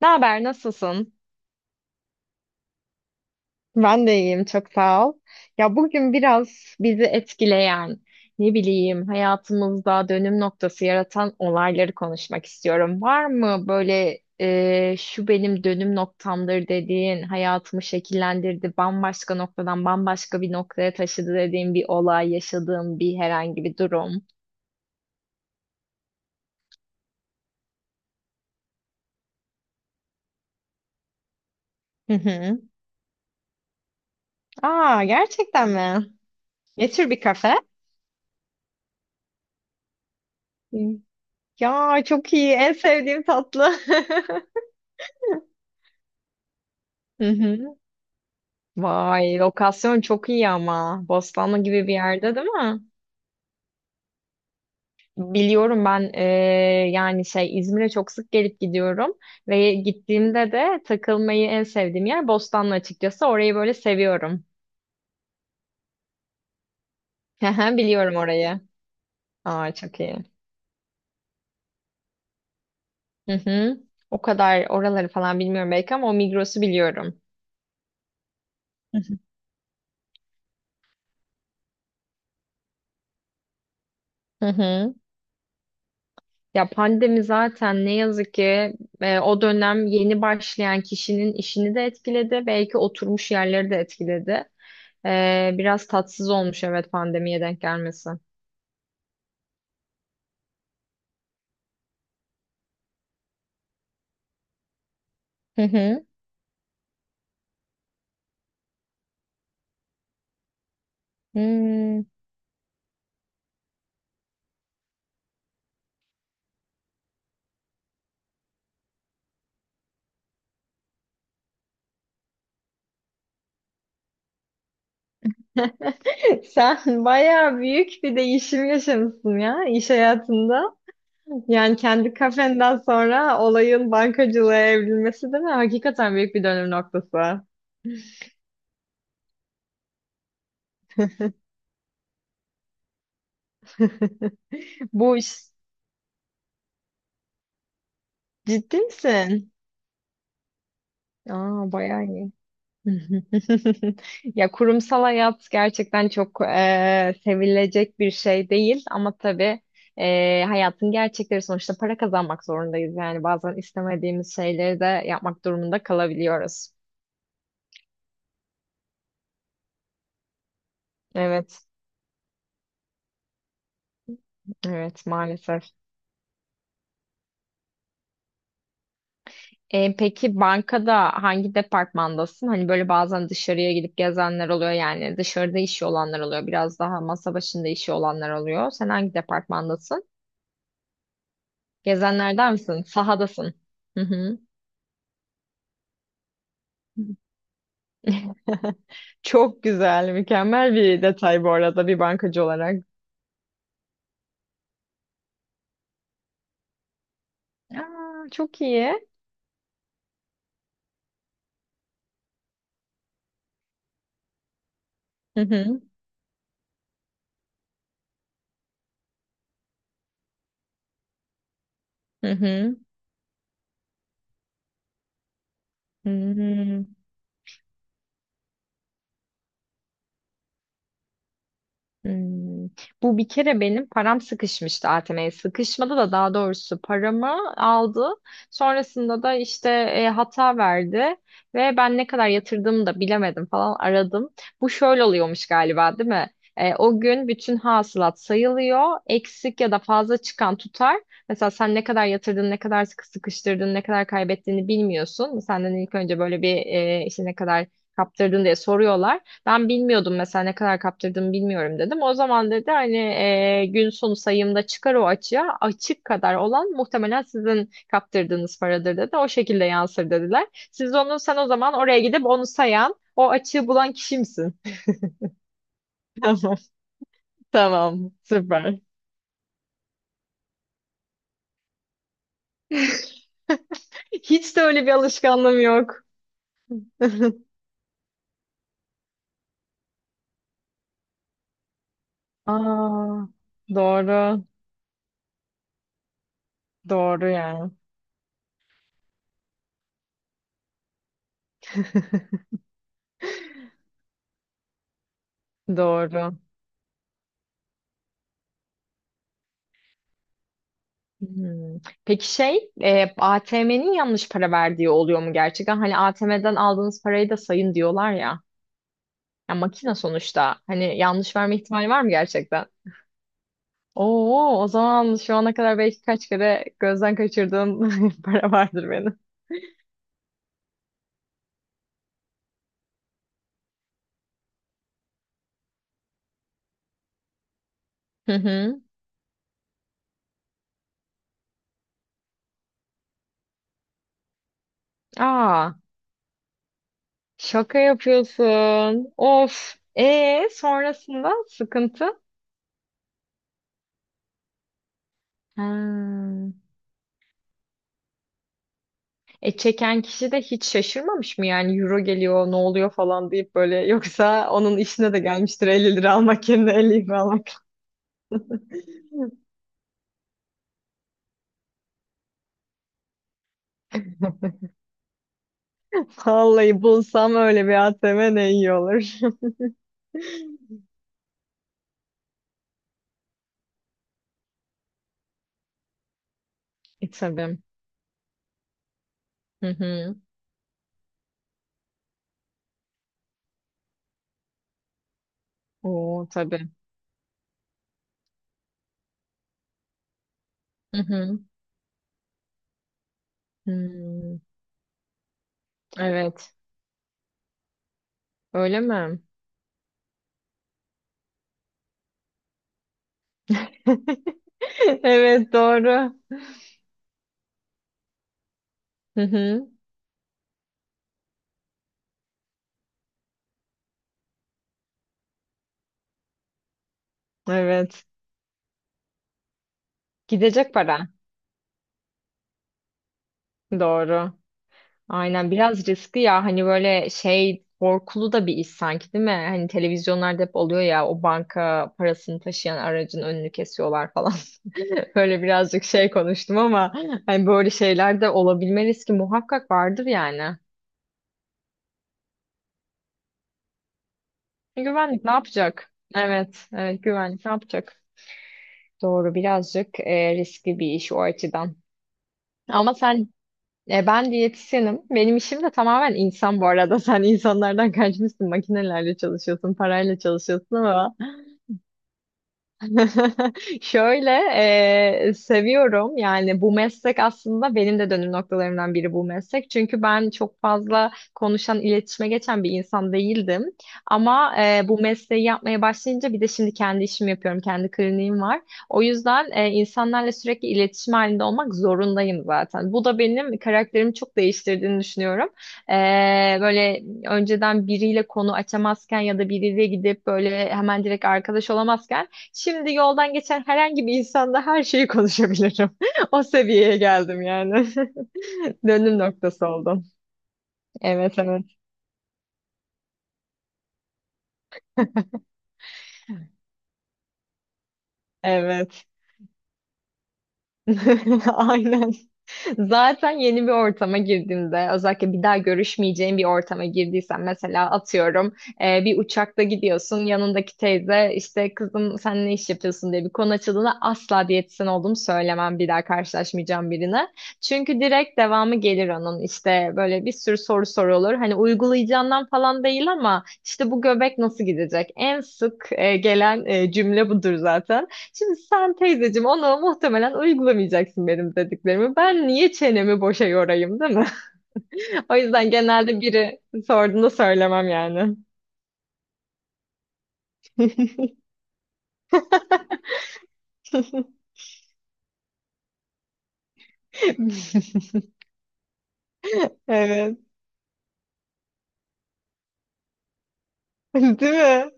Ne haber, nasılsın? Ben de iyiyim, çok sağ ol. Ya bugün biraz bizi etkileyen, ne bileyim, hayatımızda dönüm noktası yaratan olayları konuşmak istiyorum. Var mı böyle şu benim dönüm noktamdır dediğin, hayatımı şekillendirdi, bambaşka noktadan bambaşka bir noktaya taşıdı dediğin bir olay, yaşadığın bir herhangi bir durum? Hı hı. Aa, gerçekten mi? Ne tür bir kafe? Hı. Ya çok iyi, en sevdiğim tatlı. Hı hı. Vay, lokasyon çok iyi ama. Bostanlı gibi bir yerde değil mi? Biliyorum ben yani şey İzmir'e çok sık gelip gidiyorum ve gittiğimde de takılmayı en sevdiğim yer Bostanlı açıkçası. Orayı böyle seviyorum. Hı, biliyorum orayı. Aa, çok iyi. Hı hı. O kadar oraları falan bilmiyorum belki ama o Migros'u biliyorum. Hı hı. Hı hı. Ya pandemi zaten ne yazık ki o dönem yeni başlayan kişinin işini de etkiledi. Belki oturmuş yerleri de etkiledi. Biraz tatsız olmuş, evet, pandemiye denk gelmesi. Hı hı. Hmm. Sen bayağı büyük bir değişim yaşamışsın ya iş hayatında. Yani kendi kafenden sonra olayın bankacılığa evrilmesi değil mi? Hakikaten büyük bir dönüm noktası. Bu iş ciddi misin? Aa, bayağı iyi. Ya kurumsal hayat gerçekten çok sevilecek bir şey değil ama tabii hayatın gerçekleri, sonuçta para kazanmak zorundayız. Yani bazen istemediğimiz şeyleri de yapmak durumunda kalabiliyoruz. Evet, evet maalesef. Peki bankada hangi departmandasın? Hani böyle bazen dışarıya gidip gezenler oluyor, yani dışarıda işi olanlar oluyor. Biraz daha masa başında işi olanlar oluyor. Sen hangi departmandasın? Gezenlerden misin? Sahadasın. Hı hı. Çok güzel, mükemmel bir detay bu arada bir bankacı olarak. Aa, çok iyi. Hı hı. Hı hı. Hmm. Hmm. Bu bir kere benim param sıkışmıştı ATM'ye. Sıkışmadı da, daha doğrusu paramı aldı. Sonrasında da işte hata verdi ve ben ne kadar yatırdığımı da bilemedim falan, aradım. Bu şöyle oluyormuş galiba, değil mi? O gün bütün hasılat sayılıyor. Eksik ya da fazla çıkan tutar. Mesela sen ne kadar yatırdın, ne kadar sıkı sıkıştırdın, ne kadar kaybettiğini bilmiyorsun. Senden ilk önce böyle bir işte ne kadar kaptırdın diye soruyorlar. Ben bilmiyordum, mesela ne kadar kaptırdığımı bilmiyorum dedim. O zaman dedi hani gün sonu sayımda çıkar o açığa, açık kadar olan muhtemelen sizin kaptırdığınız paradır dedi. O şekilde yansır dediler. Siz onu, sen o zaman oraya gidip onu sayan o açığı bulan kişi misin? Tamam. Tamam. Süper. Hiç de öyle bir alışkanlığım yok. Aa, doğru. Doğru yani. Doğru. Hmm. Peki şey, ATM'nin yanlış para verdiği oluyor mu gerçekten? Hani ATM'den aldığınız parayı da sayın diyorlar ya. Ya makine sonuçta. Hani yanlış verme ihtimali var mı gerçekten? Oo, o zaman şu ana kadar belki kaç kere gözden kaçırdığım para vardır benim. Hı hı. Aa, şaka yapıyorsun. Of. E sonrasında sıkıntı. Ha. E çeken kişi de hiç şaşırmamış mı yani, euro geliyor ne oluyor falan deyip böyle? Yoksa onun işine de gelmiştir 50 lira almak yerine 50 lira almak. Vallahi bulsam öyle bir ATM ne iyi olur. E tabii. Hı hı. Oo tabii. Hı hı. Hmm. Evet. Öyle mi? Evet doğru. Hı hı. Evet. Gidecek para. Doğru. Aynen, biraz riskli ya, hani böyle şey, korkulu da bir iş sanki, değil mi? Hani televizyonlarda hep oluyor ya o banka parasını taşıyan aracın önünü kesiyorlar falan. Böyle birazcık şey konuştum ama hani böyle şeyler de olabilme riski muhakkak vardır yani. Güvenlik ne yapacak? Evet, evet güvenlik ne yapacak? Doğru, birazcık riskli bir iş o açıdan. Ama sen. Ben diyetisyenim. Benim işim de tamamen insan bu arada. Sen insanlardan kaçmışsın. Makinelerle çalışıyorsun, parayla çalışıyorsun ama. Şöyle seviyorum, yani bu meslek aslında benim de dönüm noktalarımdan biri, bu meslek. Çünkü ben çok fazla konuşan, iletişime geçen bir insan değildim. Ama bu mesleği yapmaya başlayınca, bir de şimdi kendi işimi yapıyorum, kendi kliniğim var. O yüzden insanlarla sürekli iletişim halinde olmak zorundayım zaten. Bu da benim karakterimi çok değiştirdiğini düşünüyorum. E, Böyle önceden biriyle konu açamazken ya da biriyle gidip böyle hemen direkt arkadaş olamazken, şimdi yoldan geçen herhangi bir insanla her şeyi konuşabilirim. O seviyeye geldim yani. Dönüm noktası oldum. Evet, evet. Evet. Aynen. Zaten yeni bir ortama girdiğimde, özellikle bir daha görüşmeyeceğim bir ortama girdiysem, mesela atıyorum bir uçakta gidiyorsun, yanındaki teyze işte kızım sen ne iş yapıyorsun diye bir konu açıldığında asla diyetisyen olduğumu söylemem bir daha karşılaşmayacağım birine. Çünkü direkt devamı gelir onun, işte böyle bir sürü soru sorulur. Hani uygulayacağından falan değil ama işte bu göbek nasıl gidecek? En sık gelen cümle budur zaten. Şimdi sen teyzeciğim ona muhtemelen uygulamayacaksın benim dediklerimi. Ben niye çenemi boşa yorayım, değil mi? O yüzden genelde biri sorduğunda söylemem yani. Evet. Değil mi?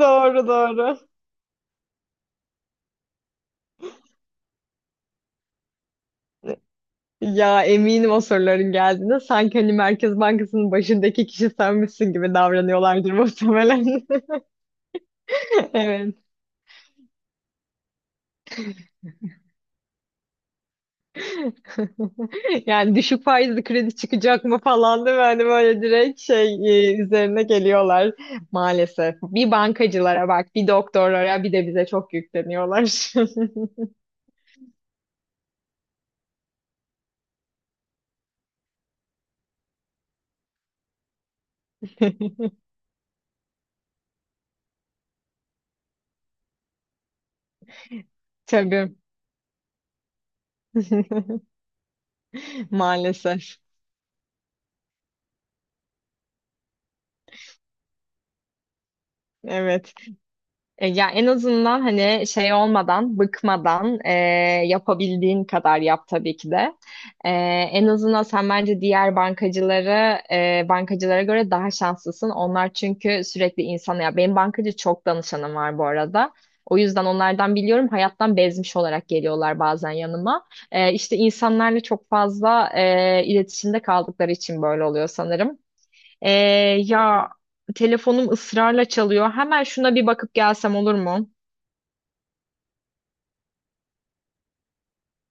Doğru, doğru. Ya eminim o soruların geldiğinde sanki hani Merkez Bankası'nın başındaki kişi senmişsin gibi davranıyorlardır muhtemelen. Evet. Yani düşük faizli kredi çıkacak mı falan, değil mi? Hani böyle direkt şey, üzerine geliyorlar maalesef. Bir bankacılara bak, bir doktorlara, bir de bize çok yükleniyorlar. Tabii. Maalesef. Evet. Ya en azından hani şey olmadan, bıkmadan, yapabildiğin kadar yap tabii ki de. E, En azından sen bence diğer bankacılara bankacılara göre daha şanslısın. Onlar çünkü sürekli insana, ya benim bankacı çok danışanım var bu arada. O yüzden onlardan biliyorum, hayattan bezmiş olarak geliyorlar bazen yanıma. İşte insanlarla çok fazla iletişimde kaldıkları için böyle oluyor sanırım. Ee, ya telefonum ısrarla çalıyor. Hemen şuna bir bakıp gelsem olur mu?